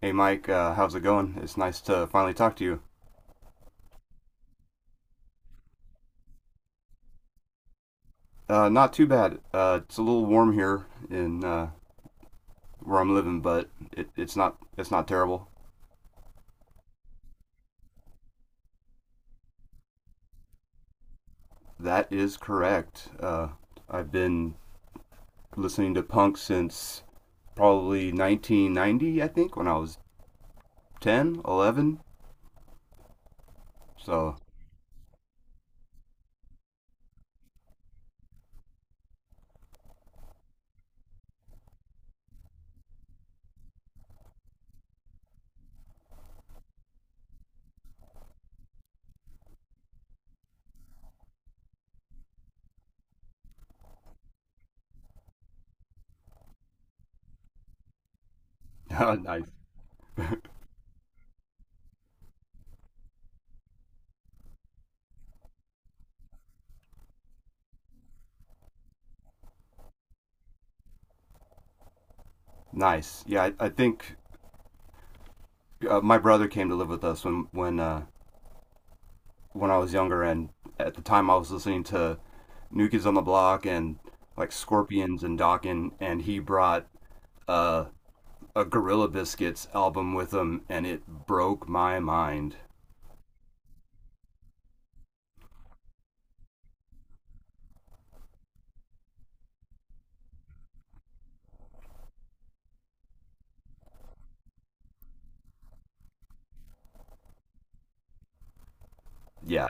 Hey Mike, how's it going? It's nice to finally talk to you. Not too bad. It's a little warm here in where I'm living, but it's not it's not terrible. That is correct. I've been listening to punk since probably 1990, I think, when I was 10, 11. So nice, nice. Yeah, I think my brother came to live with us when I was younger, and at the time I was listening to New Kids on the Block and like Scorpions and Dokken, and he brought uh, a Gorilla Biscuits album with him, and it broke my mind. Yeah,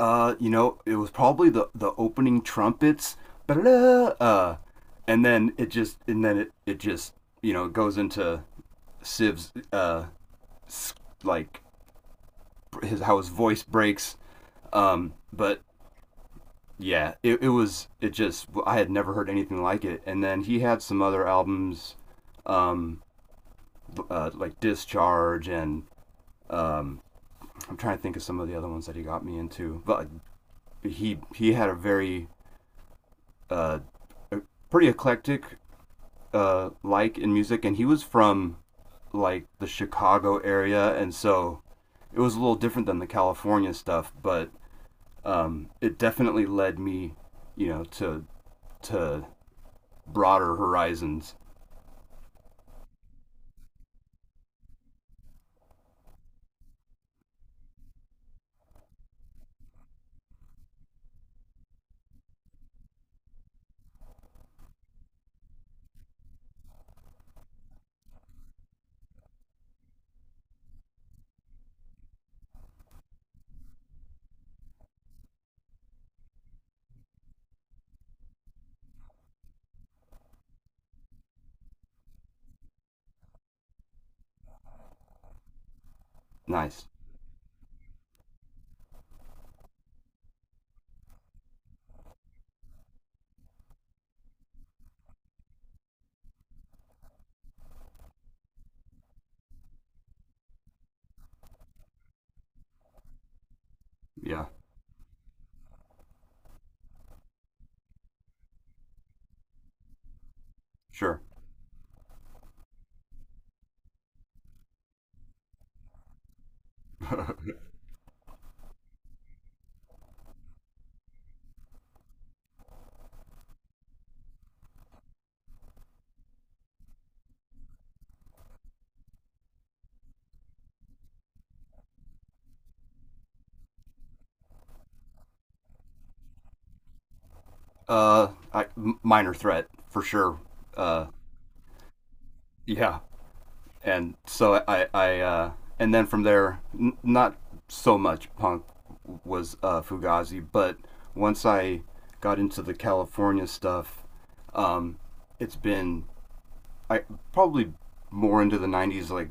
you know, it was probably the opening trumpets, uh, and then it just and then it just you know goes into Siv's like his how his voice breaks. But yeah, it was it just I had never heard anything like it. And then he had some other albums, um, like Discharge, and I'm trying to think of some of the other ones that he got me into. But he had a very uh, a pretty eclectic like in music, and he was from like the Chicago area, and so it was a little different than the California stuff. But it definitely led me, you know, to broader horizons. Nice, yeah. Sure. uh, I, minor threat for sure. Uh, yeah, and so and then from there, not so much punk was Fugazi, but once I got into the California stuff, um, it's been I probably more into the '90s, like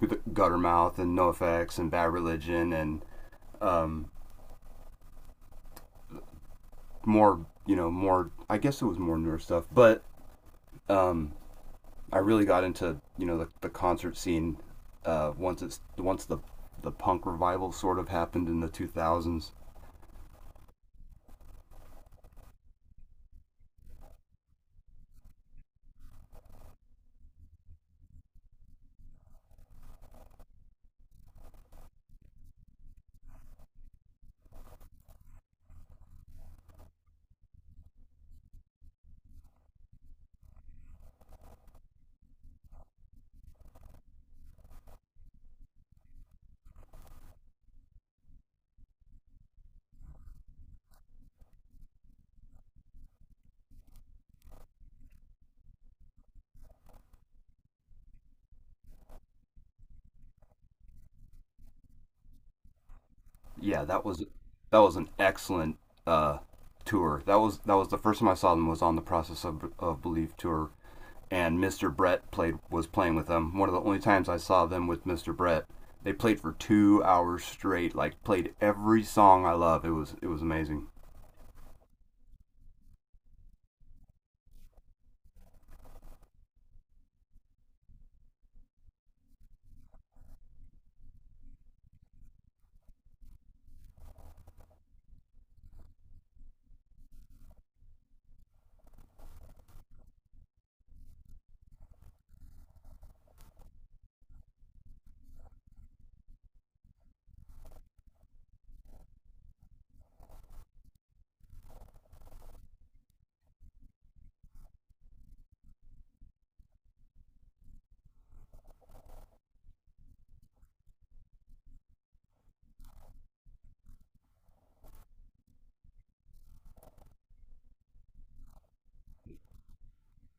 with Guttermouth and NoFX and Bad Religion, and more, you know, more. I guess it was more newer stuff, but um, I really got into you know the concert scene once it's once the punk revival sort of happened in the 2000s. Yeah, that was an excellent uh, tour. That was the first time I saw them was on the Process of Belief tour, and Mr. Brett played was playing with them. One of the only times I saw them with Mr. Brett. They played for 2 hours straight. Like played every song I love. It was amazing.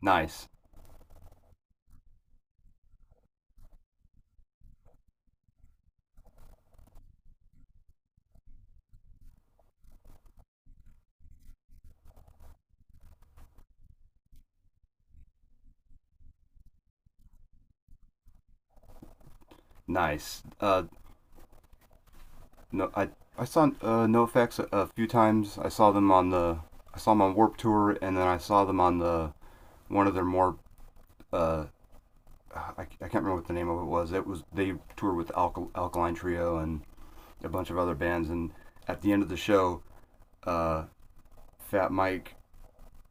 Nice, nice. No, I saw NoFX a few times. I saw them on the I saw them on Warp Tour, and then I saw them on the one of their more I can't remember what the name of it was. It was they toured with Alkaline Trio and a bunch of other bands, and at the end of the show, Fat Mike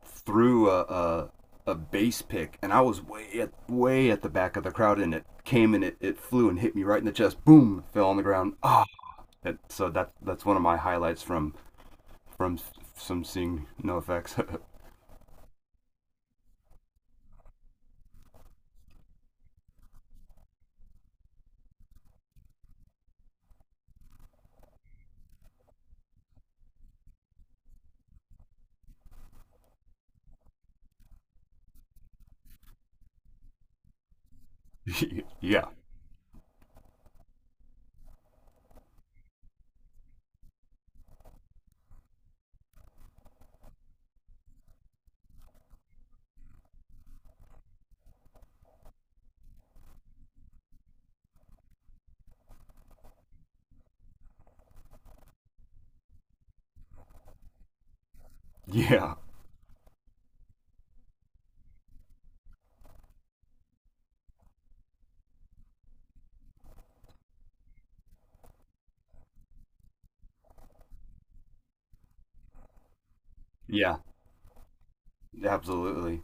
threw a bass pick, and I was way at the back of the crowd, and it came and it flew and hit me right in the chest. Boom, fell on the ground. Ah, so that's one of my highlights from from some seeing no effects. yeah, yeah, yeah, absolutely.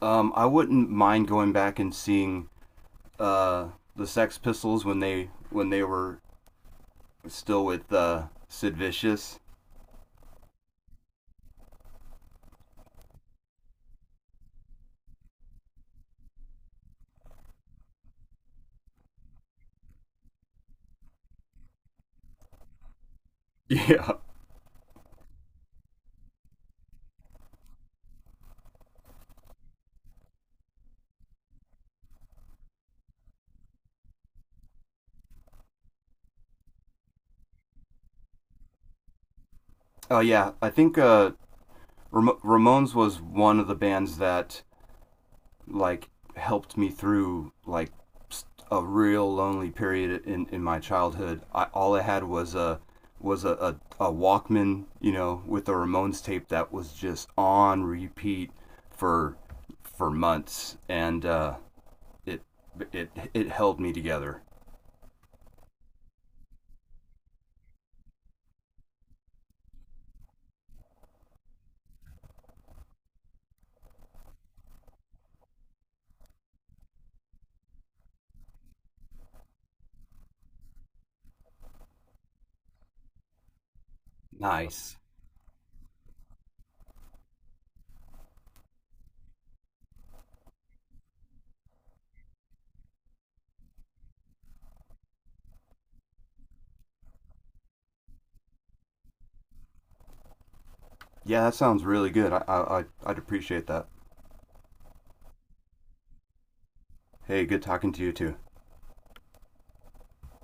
I wouldn't mind going back and seeing uh the Sex Pistols when they were still with Sid Vicious. Yeah. Oh yeah, I think Ramones was one of the bands that like helped me through like a real lonely period in my childhood. I, all I had was was a, a, a Walkman, you know, with a Ramones tape that was just on repeat for months, and uh, it it held me together. Nice. Yeah, that sounds really good. I'd appreciate that. Hey, good talking to you too.